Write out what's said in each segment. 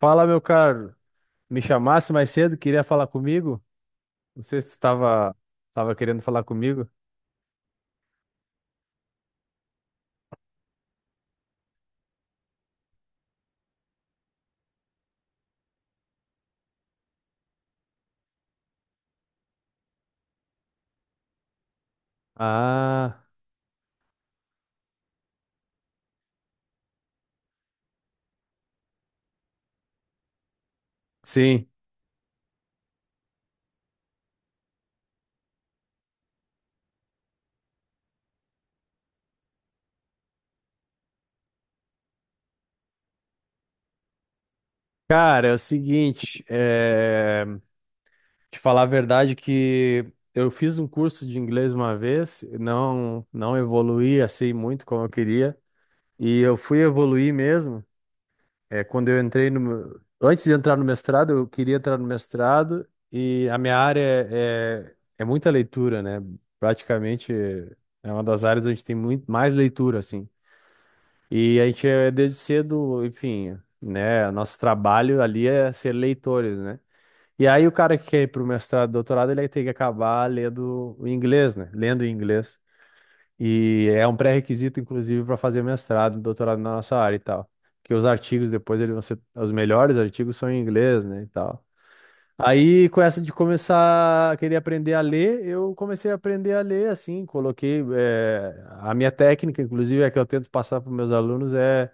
Fala, meu caro. Me chamasse mais cedo, queria falar comigo? Não sei se estava querendo falar comigo. Ah, sim. Cara, é o seguinte, te falar a verdade que eu fiz um curso de inglês uma vez, não evoluí assim muito como eu queria, e eu fui evoluir mesmo. É, quando eu entrei no. meu- Antes de entrar no mestrado, eu queria entrar no mestrado e a minha área é muita leitura, né? Praticamente é uma das áreas onde tem muito mais leitura, assim. E a gente desde cedo, enfim, né? Nosso trabalho ali é ser leitores, né? E aí o cara que quer ir para o mestrado, doutorado, ele aí tem que acabar lendo o inglês, né? Lendo em inglês. E é um pré-requisito, inclusive, para fazer mestrado, doutorado na nossa área e tal. Porque os artigos depois eles vão ser, os melhores artigos são em inglês, né, e tal. Aí, com essa de começar a querer aprender a ler, eu comecei a aprender a ler, assim, coloquei, a minha técnica, inclusive, é que eu tento passar para meus alunos, é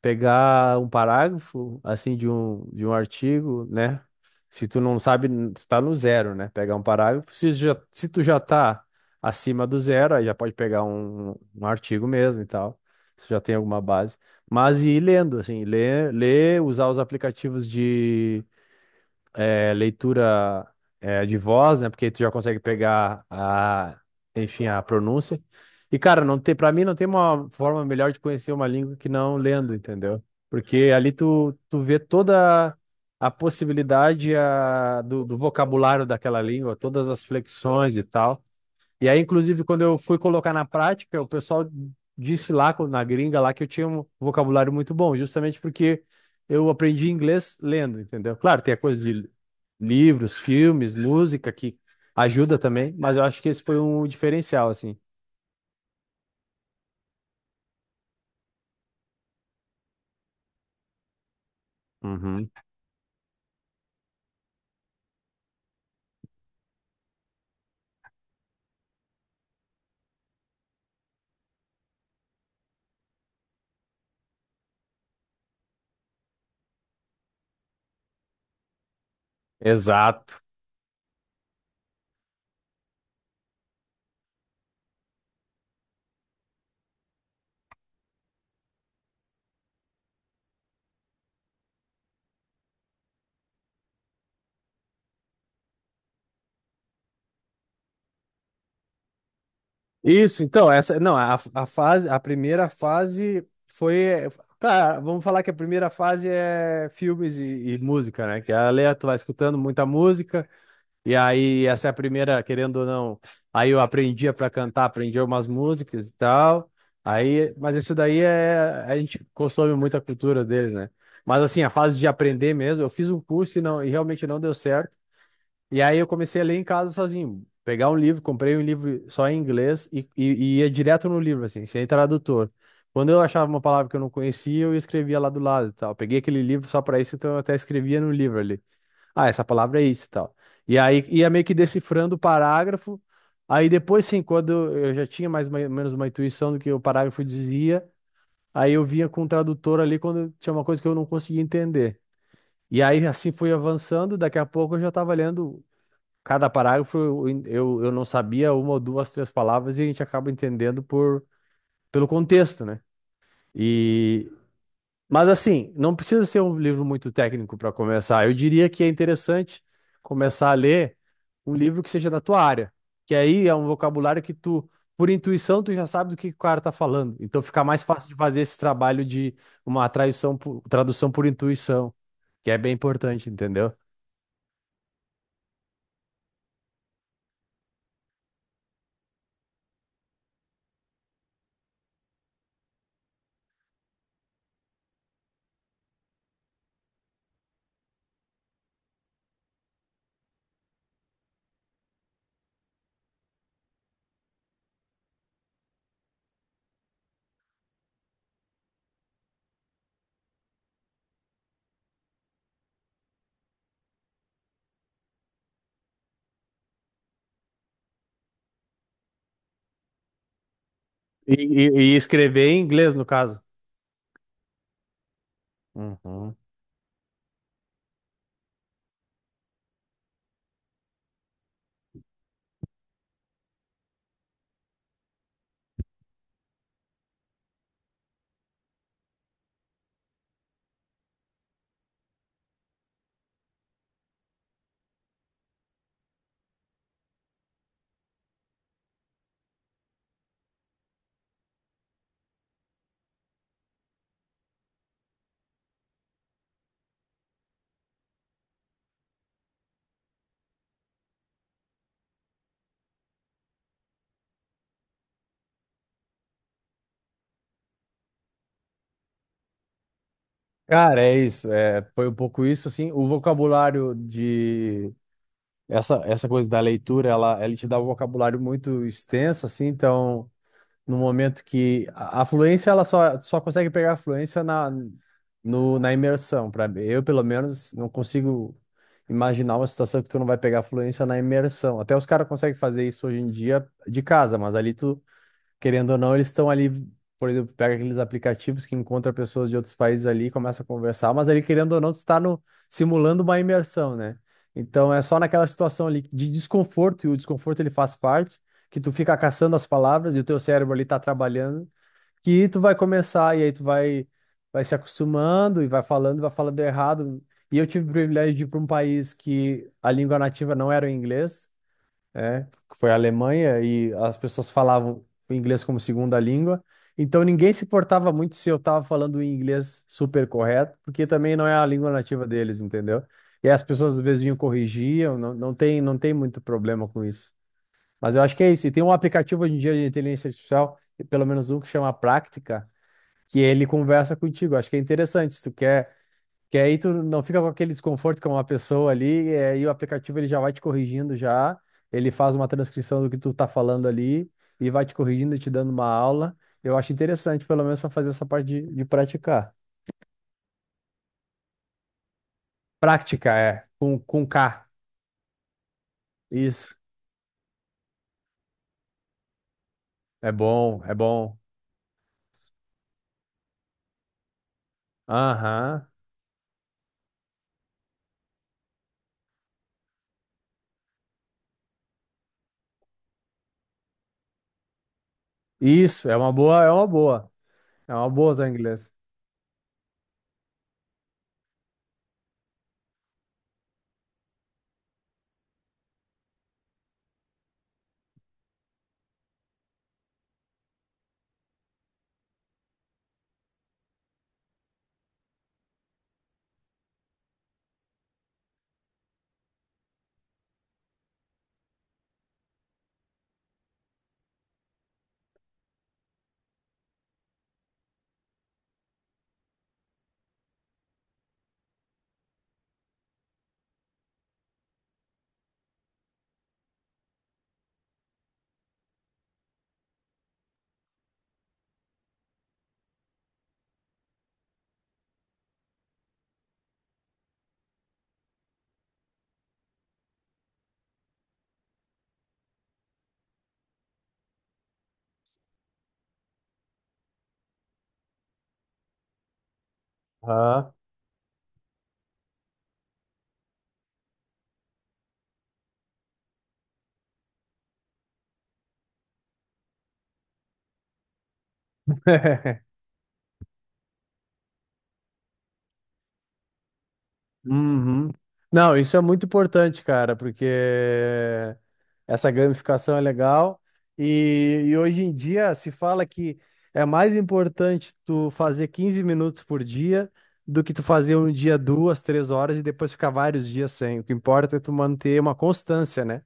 pegar um parágrafo assim de um artigo, né? Se tu não sabe, está no zero, né? Pegar um parágrafo. Se tu já tá acima do zero, aí já pode pegar um artigo mesmo e tal. Se já tem alguma base. Mas ir lendo, assim, ler, ler, usar os aplicativos de leitura de voz, né? Porque tu já consegue pegar enfim, a pronúncia. E, cara, não tem, para mim não tem uma forma melhor de conhecer uma língua que não lendo, entendeu? Porque ali tu vê toda a possibilidade do vocabulário daquela língua, todas as flexões e tal. E aí, inclusive, quando eu fui colocar na prática, o pessoal disse lá na gringa lá que eu tinha um vocabulário muito bom, justamente porque eu aprendi inglês lendo, entendeu? Claro, tem a coisa de livros, filmes, música que ajuda também, mas eu acho que esse foi um diferencial, assim. Uhum. Exato. Isso, então, essa, não, a primeira fase foi, tá, vamos falar que a primeira fase é filmes e música, né? Que é a letra, tu vai escutando muita música. E aí, essa é a primeira, querendo ou não. Aí eu aprendia para cantar, aprendia umas músicas e tal. Aí, mas isso daí a gente consome muita cultura deles, né? Mas assim, a fase de aprender mesmo, eu fiz um curso e não, e realmente não deu certo. E aí eu comecei a ler em casa sozinho, pegar um livro, comprei um livro só em inglês e ia direto no livro, assim, sem tradutor. Quando eu achava uma palavra que eu não conhecia, eu escrevia lá do lado e tal. Peguei aquele livro só para isso, então eu até escrevia no livro ali, ah, essa palavra é isso e tal. E aí ia meio que decifrando o parágrafo. Aí depois, sim, quando eu já tinha mais ou menos uma intuição do que o parágrafo dizia, aí eu vinha com o tradutor ali quando tinha uma coisa que eu não conseguia entender. E aí assim fui avançando, daqui a pouco eu já estava lendo cada parágrafo, eu não sabia uma ou duas, três palavras e a gente acaba entendendo por, pelo contexto, né? E mas assim, não precisa ser um livro muito técnico para começar. Eu diria que é interessante começar a ler um livro que seja da tua área, que aí é um vocabulário que tu, por intuição, tu já sabe do que o cara tá falando. Então fica mais fácil de fazer esse trabalho de uma tradução por, tradução por intuição, que é bem importante, entendeu? E escrever em inglês, no caso. Uhum. Cara, é isso. É, foi um pouco isso, assim. O vocabulário de essa coisa da leitura, ela te dá um vocabulário muito extenso, assim, então, no momento que a fluência, ela só consegue pegar a fluência na, no, na imersão, para eu, pelo menos, não consigo imaginar uma situação que tu não vai pegar a fluência na imersão. Até os caras conseguem fazer isso hoje em dia de casa, mas ali tu querendo ou não, eles estão ali, por exemplo, pega aqueles aplicativos que encontra pessoas de outros países ali, começa a conversar, mas ali, querendo ou não, tu está no, simulando uma imersão, né? Então é só naquela situação ali de desconforto, e o desconforto ele faz parte, que tu fica caçando as palavras e o teu cérebro ali tá trabalhando, que tu vai começar, e aí tu vai se acostumando e vai falando errado. E eu tive o privilégio de ir para um país que a língua nativa não era o inglês é, que foi a Alemanha, e as pessoas falavam o inglês como segunda língua. Então ninguém se importava muito se eu estava falando o inglês super correto, porque também não é a língua nativa deles, entendeu? E as pessoas às vezes vinham corrigiam, não, não tem muito problema com isso. Mas eu acho que é isso. E tem um aplicativo hoje em dia de inteligência artificial, pelo menos um que chama Práctica, que ele conversa contigo. Acho que é interessante. Se tu quer que aí tu não fica com aquele desconforto com uma pessoa ali, e aí o aplicativo ele já vai te corrigindo já, ele faz uma transcrição do que tu tá falando ali e vai te corrigindo e te dando uma aula. Eu acho interessante, pelo menos, para fazer essa parte de praticar. Prática, é, com K. Isso. É bom, é bom. Aham. Isso, é uma boa, é uma boa. É uma boa usar inglês. Aham. Uhum. Não, isso é muito importante, cara, porque essa gamificação é legal e hoje em dia se fala que é mais importante tu fazer 15 minutos por dia do que tu fazer um dia duas, três horas e depois ficar vários dias sem. O que importa é tu manter uma constância, né?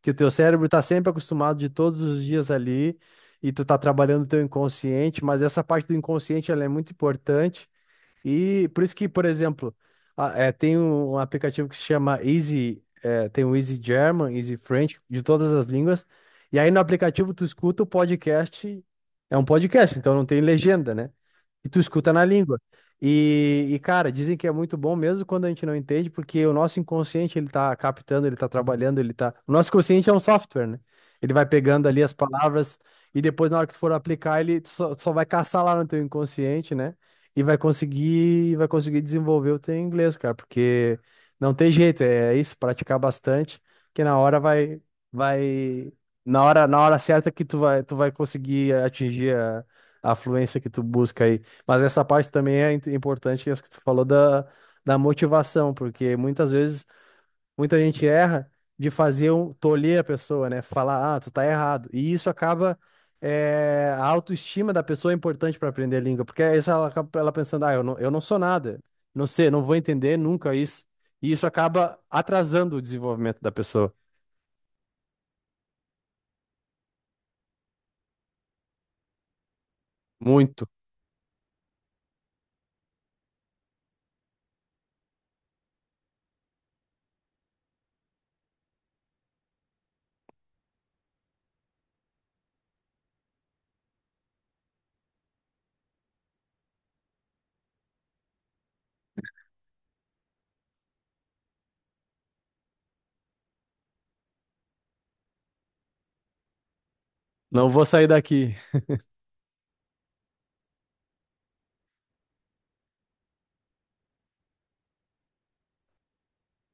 Que o teu cérebro tá sempre acostumado de todos os dias ali e tu tá trabalhando o teu inconsciente, mas essa parte do inconsciente ela é muito importante e por isso que, por exemplo, tem um aplicativo que se chama Easy, é, tem o Easy German, Easy French, de todas as línguas. E aí no aplicativo tu escuta o podcast, é um podcast, então não tem legenda, né? E tu escuta na língua. E, cara, dizem que é muito bom mesmo quando a gente não entende, porque o nosso inconsciente ele tá captando, ele tá trabalhando, ele tá. O nosso consciente é um software, né? Ele vai pegando ali as palavras e depois na hora que tu for aplicar, ele só vai caçar lá no teu inconsciente, né? E vai conseguir desenvolver o teu inglês, cara, porque não tem jeito, é isso, praticar bastante, que vai, na hora certa que tu vai conseguir atingir a fluência que tu busca aí. Mas essa parte também é importante, essa que tu falou da motivação, porque muitas vezes muita gente erra de fazer um tolher a pessoa, né? Falar, ah, tu tá errado. E isso acaba. A autoestima da pessoa é importante para aprender a língua, porque aí ela acaba ela pensando, ah, eu não sou nada, não sei, não vou entender nunca isso. E isso acaba atrasando o desenvolvimento da pessoa. Muito. Não vou sair daqui.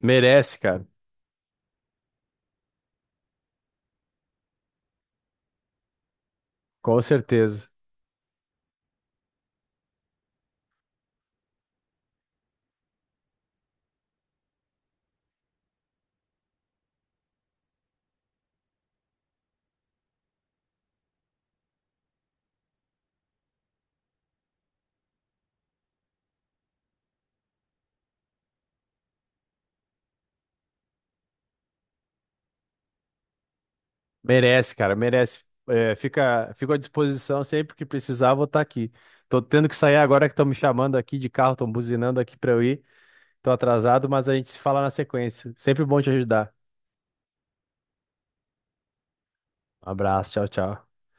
Merece, cara. Com certeza. Merece, cara. Merece. É, fico à disposição sempre que precisar, vou estar aqui. Tô tendo que sair agora que estão me chamando aqui de carro, estão buzinando aqui para eu ir. Tô atrasado, mas a gente se fala na sequência. Sempre bom te ajudar. Um abraço, tchau, tchau.